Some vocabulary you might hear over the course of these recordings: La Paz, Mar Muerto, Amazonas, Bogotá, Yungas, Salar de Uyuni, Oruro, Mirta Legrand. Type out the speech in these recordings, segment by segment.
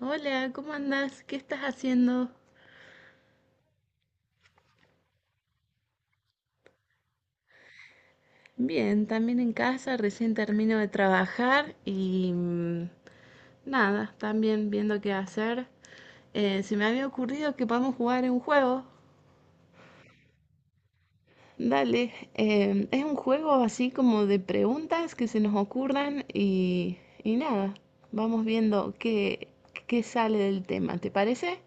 Hola, ¿cómo andás? ¿Qué estás haciendo? Bien, también en casa, recién termino de trabajar y nada, también viendo qué hacer. Se me había ocurrido que podemos jugar un juego. Dale, es un juego así como de preguntas que se nos ocurran y nada, vamos viendo qué sale del tema, ¿te parece?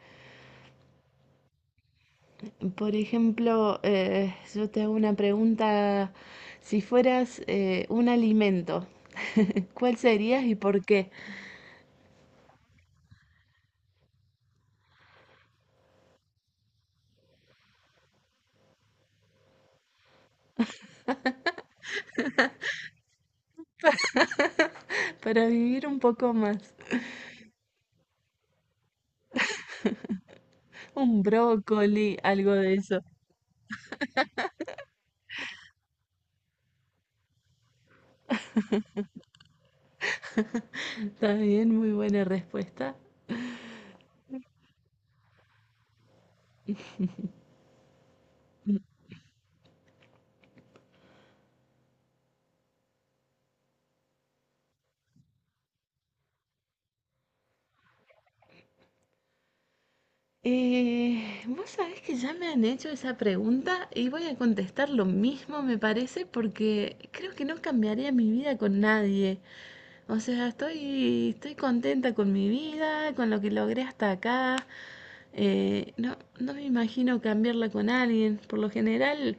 Por ejemplo, yo te hago una pregunta, si fueras un alimento. ¿Cuál serías y por qué? Para vivir un poco más. Un brócoli, algo de eso. Está bien, muy buena respuesta. Vos sabés que ya me han hecho esa pregunta y voy a contestar lo mismo, me parece, porque creo que no cambiaría mi vida con nadie. O sea, estoy contenta con mi vida, con lo que logré hasta acá. No me imagino cambiarla con alguien. Por lo general,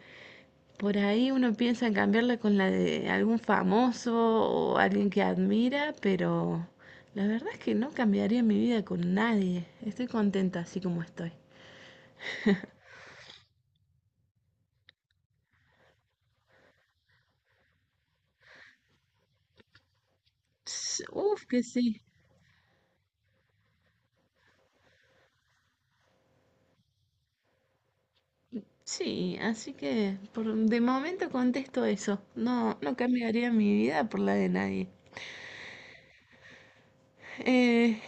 por ahí uno piensa en cambiarla con la de algún famoso o alguien que admira, pero la verdad es que no cambiaría mi vida con nadie. Estoy contenta así como estoy. Ps, uf, que sí. Sí, así que por de momento contesto eso. No, no cambiaría mi vida por la de nadie. Eh,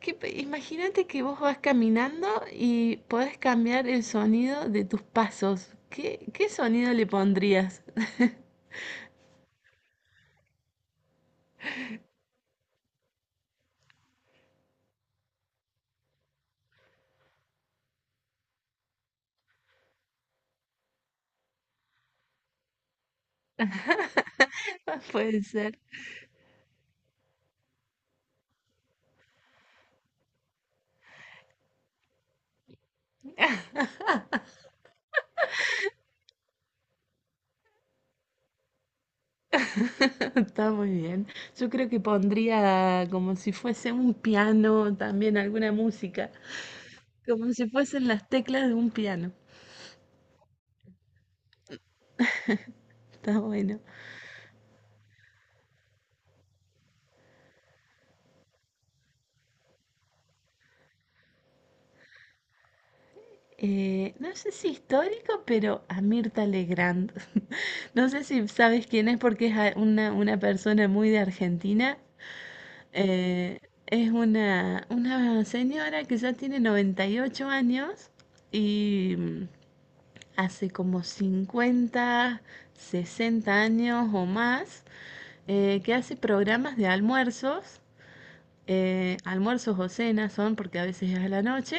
imagínate que vos vas caminando y podés cambiar el sonido de tus pasos. ¿ qué sonido le pondrías? Puede ser. Está muy bien. Yo creo que pondría como si fuese un piano, también alguna música, como si fuesen las teclas de un piano. Está bueno. No sé si histórico, pero a Mirta Legrand. No sé si sabes quién es porque es una persona muy de Argentina. Eh, es una señora que ya tiene 98 años y hace como 50 60 años o más que hace programas de almuerzos, almuerzos o cenas son, porque a veces es a la noche,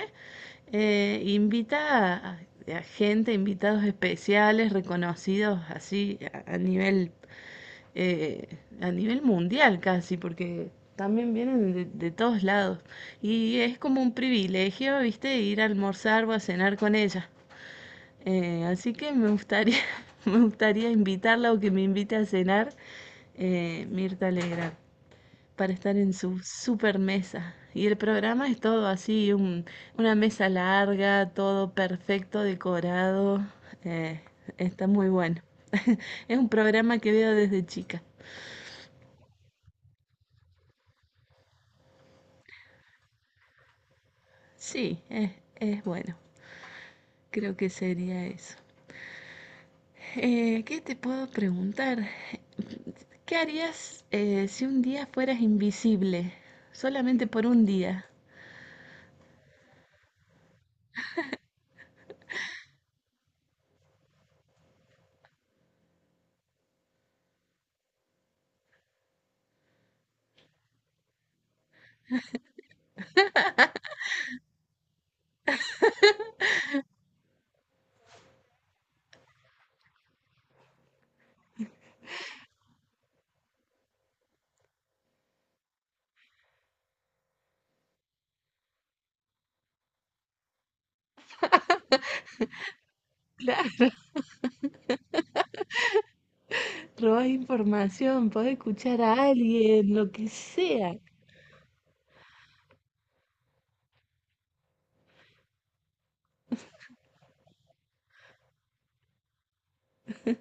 eh, invita a, a gente, invitados especiales, reconocidos así a nivel mundial casi, porque también vienen de todos lados. Y es como un privilegio, viste, ir a almorzar o a cenar con ella. Así que me gustaría, me gustaría invitarla o que me invite a cenar Mirta Legrand para estar en su super mesa. Y el programa es todo así, una mesa larga, todo perfecto, decorado. Eh, está muy bueno. Es un programa que veo desde chica. Sí, es bueno. Creo que sería eso. ¿Qué te puedo preguntar? ¿Qué harías si un día fueras invisible? Solamente por un día. Claro, robás información, podés escuchar a alguien, lo que sea.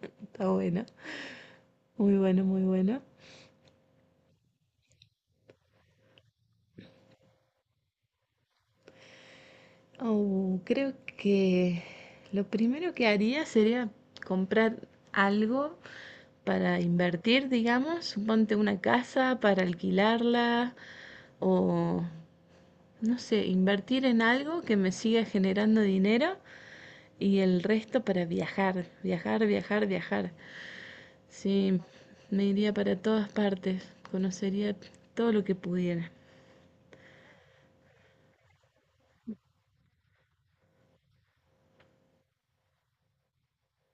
Está bueno. Muy bueno, muy bueno. Oh, creo que lo primero que haría sería comprar algo para invertir, digamos, suponte una casa para alquilarla o, no sé, invertir en algo que me siga generando dinero y el resto para viajar, viajar, viajar, viajar. Sí, me iría para todas partes, conocería todo lo que pudiera.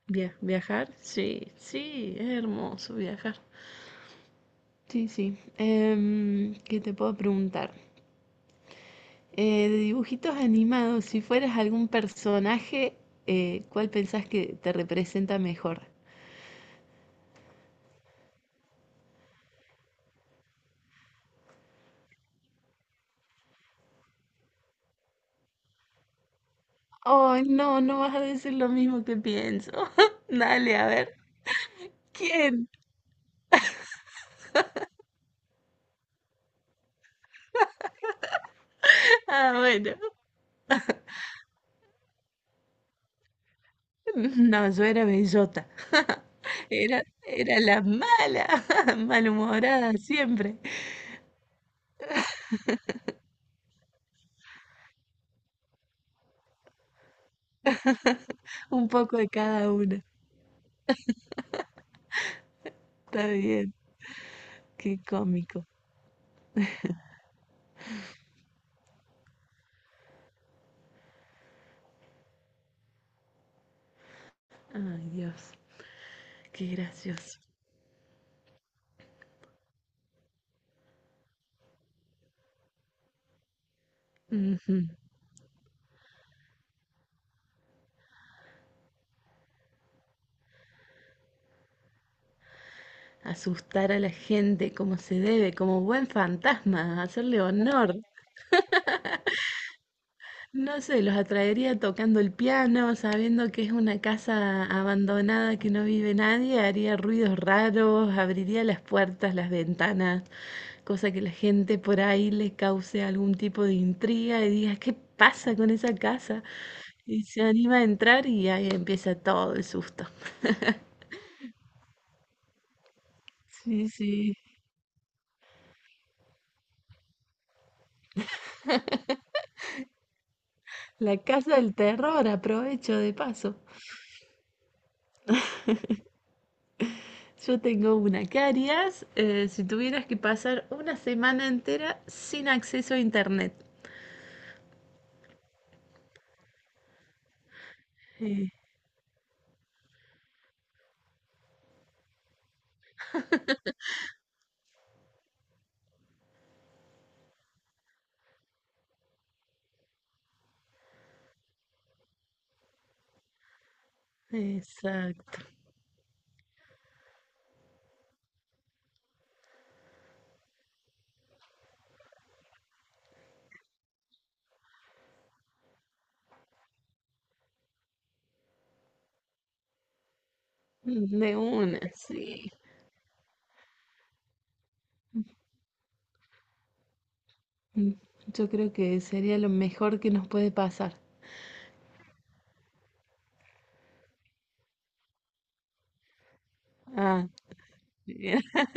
Viajar, sí, sí, es hermoso viajar. Sí, sí. Em, ¿qué te puedo preguntar? De dibujitos animados, si fueras algún personaje, ¿cuál pensás que te representa mejor? Ay, no, no vas a decir lo mismo que pienso. Dale, a ver. ¿Quién? Ah, bueno. No, yo era bellota. Era la mala, malhumorada siempre. Un poco de cada una. Está bien. Qué cómico. Ay, Dios. Qué gracioso. Ujú. Asustar a la gente como se debe, como buen fantasma, hacerle honor. No sé, los atraería tocando el piano, sabiendo que es una casa abandonada que no vive nadie, haría ruidos raros, abriría las puertas, las ventanas, cosa que la gente por ahí le cause algún tipo de intriga y diga, ¿qué pasa con esa casa? Y se anima a entrar y ahí empieza todo el susto. Sí, sí, la casa del terror, aprovecho de paso. Yo tengo una. ¿Qué harías si tuvieras que pasar una semana entera sin acceso a internet? Eh, exacto. De una, sí. Mm, yo creo que sería lo mejor que nos puede pasar. Ah, bien.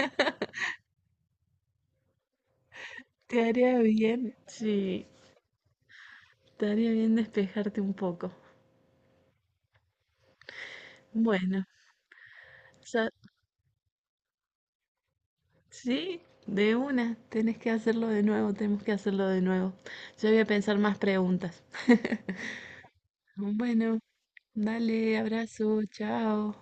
Te haría bien. Sí, te haría bien despejarte un poco. Bueno, ya- sí, de una. Tenés que hacerlo de nuevo, tenemos que hacerlo de nuevo. Yo voy a pensar más preguntas. Bueno. Dale, abrazo, chao.